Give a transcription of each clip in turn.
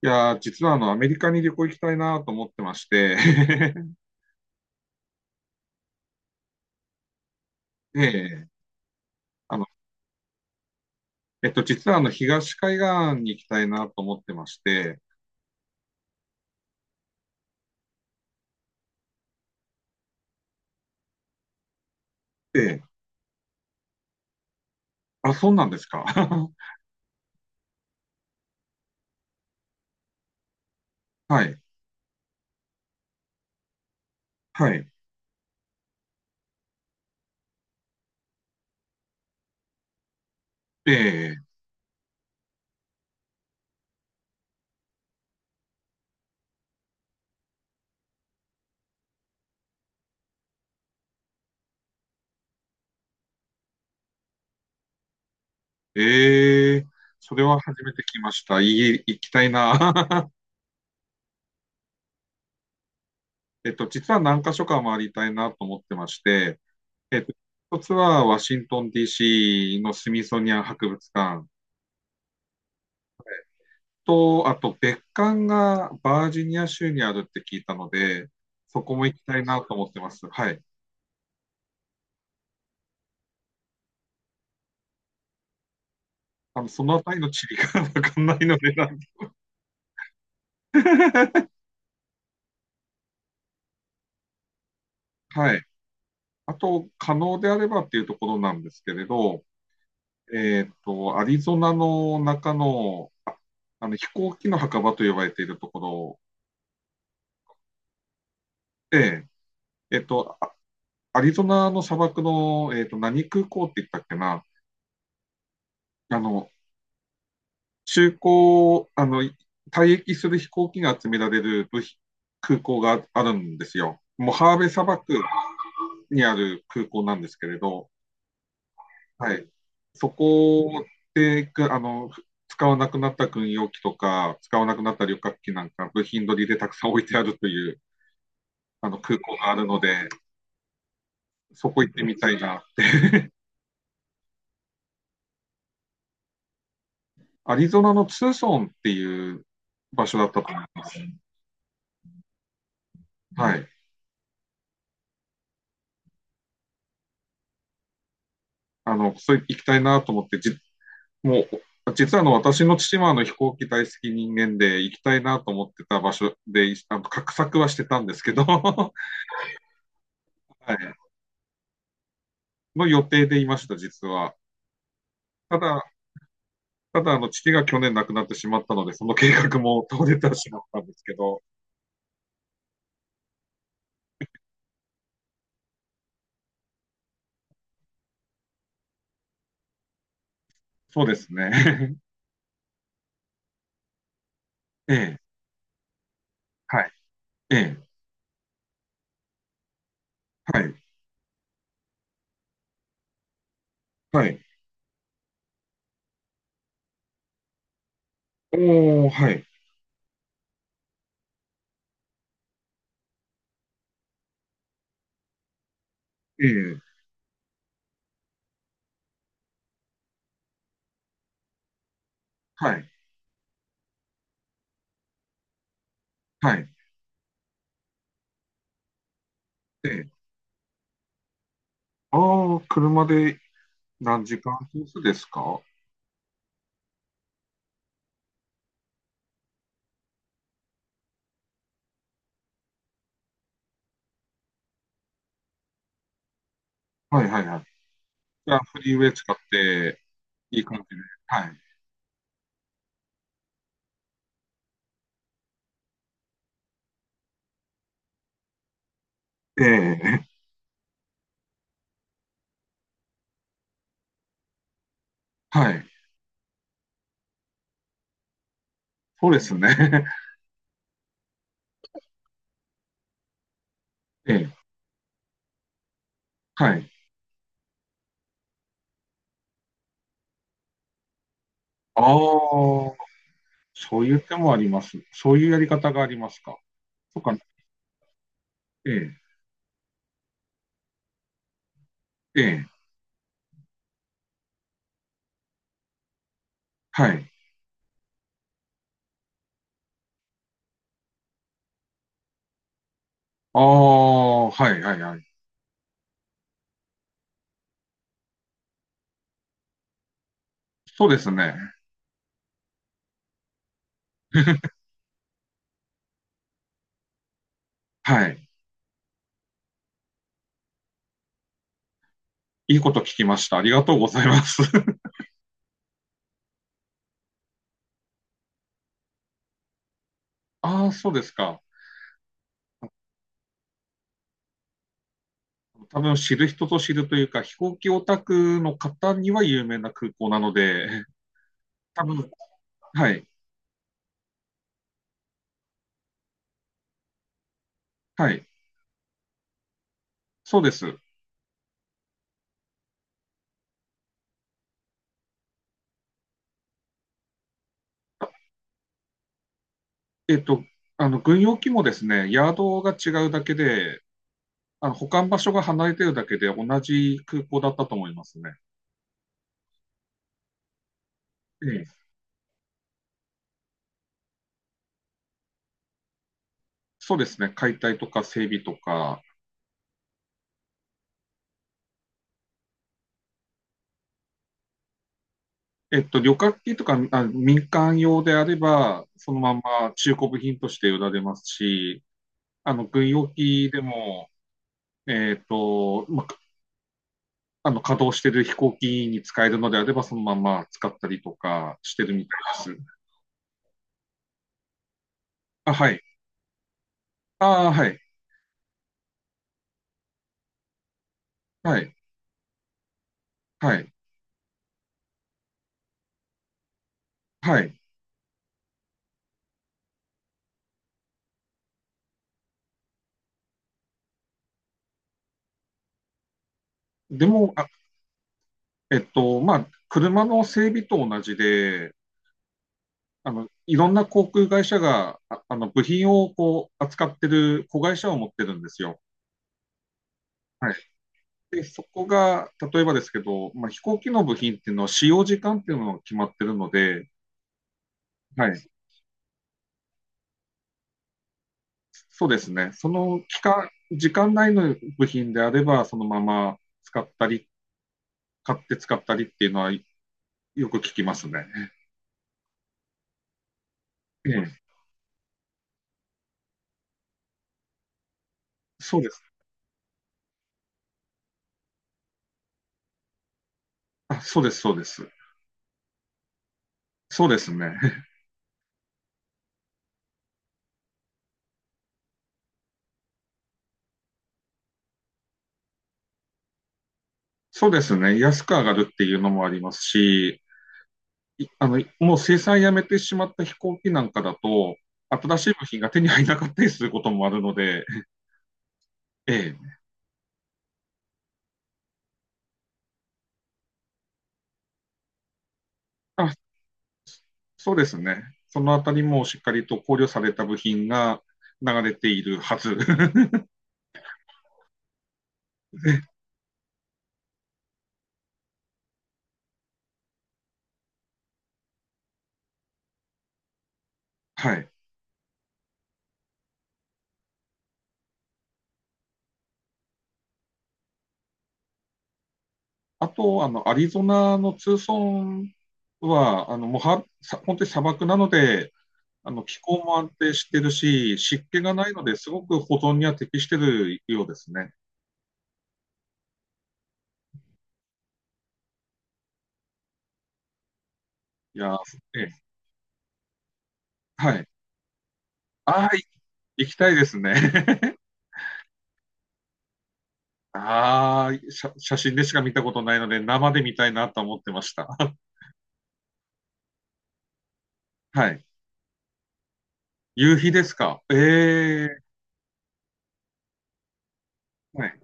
いやー、実はアメリカに旅行行きたいなと思ってまして、で、あの、実は東海岸に行きたいなと思ってまして、で、あ、そうなんですか。はい、はい。ええええ、それは初めて来ました。いい、行きたいな。実は何か所か回りたいなと思ってまして、えっと、一つはワシントン DC のスミソニアン博物館。と、あと別館がバージニア州にあるって聞いたので、そこも行きたいなと思ってます。はい。そのあたりの地理が わかんないのではい。あと、可能であればっていうところなんですけれど、アリゾナの中の、飛行機の墓場と呼ばれているところで、えっと、アリゾナの砂漠の、何空港って言ったっけな、あの、中古、退役する飛行機が集められる部品空港があるんですよ。もうハーベイ砂漠にある空港なんですけれど、はい。そこで、くあの、使わなくなった軍用機とか、使わなくなった旅客機なんか、部品取りでたくさん置いてあるというあの空港があるので、そこ行ってみたいな。アリゾナのツーソンっていう場所だったと思います。はい。それ行きたいなと思って、もう、実は私の父は飛行機大好き人間で行きたいなと思ってた場所で、画策はしてたんですけど、はいの予定でいました、実は。ただ、父が去年亡くなってしまったので、その計画も途絶てしまったんですけど、そうですね。ええ、はい、ええ、はい、はい。おー、はい、ええ、はい、はい、ええ。ああ、車で何時間コースですか？はい、はい、はい。じゃあ、フリーウェイ使っていい感じで。はい。ええ、はい。そうですね。ええ、はい。ああ、そういう手もあります。そういうやり方がありますか？とか、ええ、ええ、はい。ああ、はいはいはい。そうですね。はい。いいこと聞きました。ありがとうございます。ああ、そうですか。多分知る人ぞ知るというか、飛行機オタクの方には有名な空港なので、多分、はい、はい、そうです。あえっと、軍用機もですね、ヤードが違うだけで、保管場所が離れてるだけで同じ空港だったと思いますね。ええ、そうですね。解体とか整備とか、旅客機とか、あ、民間用であれば、そのまま中古部品として売られますし、軍用機でも、えっと、ま、あの、稼働してる飛行機に使えるのであれば、そのまま使ったりとかしてるみたいです。あ、はい。ああ、はい。はい。はい。はい。でも、あ、まあ、車の整備と同じで、いろんな航空会社が、あ、部品をこう、扱ってる子会社を持ってるんですよ。はい。で、そこが、例えばですけど、まあ、飛行機の部品っていうのは使用時間っていうのが決まってるので、はい。そうですね。その期間、時間内の部品であれば、そのまま使ったり、買って使ったりっていうのはよく聞きますね。ええ。そうです。あ、そうです、そうです。そうですね。そうですね。安く上がるっていうのもありますし、いあの、もう生産やめてしまった飛行機なんかだと、新しい部品が手に入らなかったりすることもあるので、ええ、あ、そうですね。そのあたりもしっかりと考慮された部品が流れているはず。はい。あと、アリゾナのツーソンは、あの、もうは、さ本当に砂漠なので、気候も安定してるし、湿気がないのですごく保存には適してるようですね。いや、ええ、はい。ああ、行きたいですね。ああ、写真でしか見たことないので、生で見たいなと思ってました。はい。夕日ですか？ええ、はい、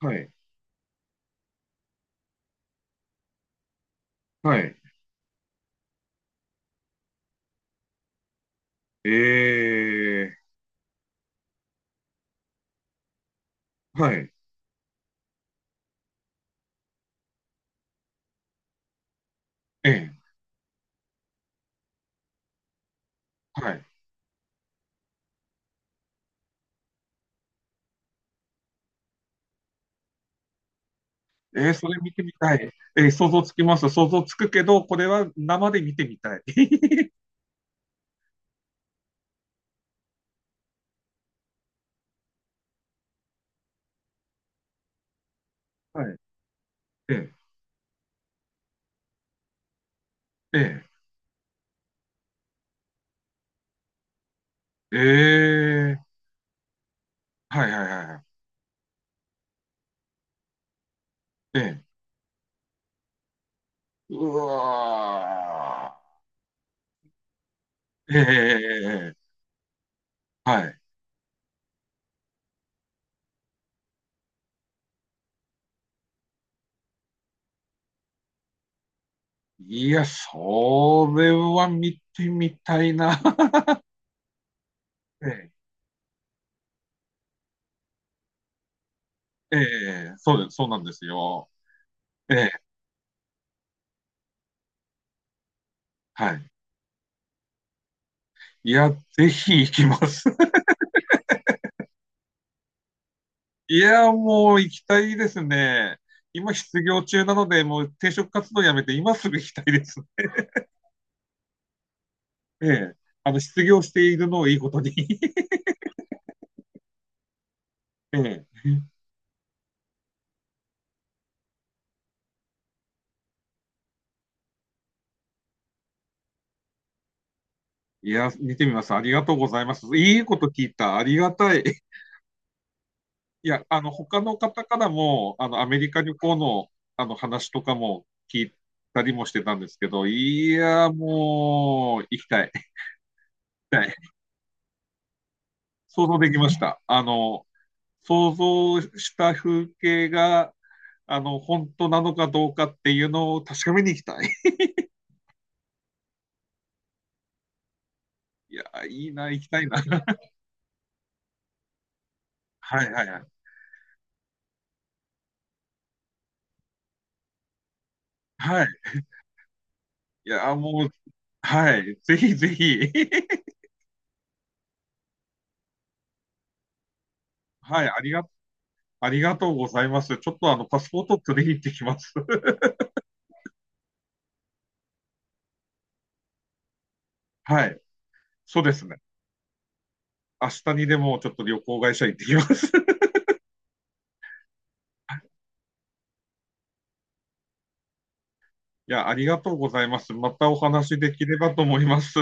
はい、はい。ええ、はい、ええ、はい。ええ、それ見てみたい。ええ、想像つきます。想像つくけど、これは生で見てみたい。はい。ええええええ、はいはいはいはい。ええ、うわー。ええええええええ、はい。いや、それは見てみたいな。ええ、ええ、そうです、そうなんですよ。ええ、はい。いや、ぜひ行きます。いや、もう行きたいですね。今失業中なので、もう転職活動やめて今すぐ行きたいです。ええ、失業しているのをいいことに ええ、いや、見てみます。ありがとうございます。いいこと聞いた。ありがたい。いや、他の方からも、アメリカ旅行の、話とかも聞いたりもしてたんですけど、いや、もう、行きたい。行きたい。想像できました。想像した風景が、本当なのかどうかっていうのを確かめに行きたい。いや、いいな、行きたいな。はいはいはい。はい。いや、もう、はい。ぜひぜひ。はい。ありがとうございます。ちょっとパスポート取りに行ってきます。はい。そうですね。明日にでもちょっと旅行会社行ってきます。いや、ありがとうございます。またお話できればと思います。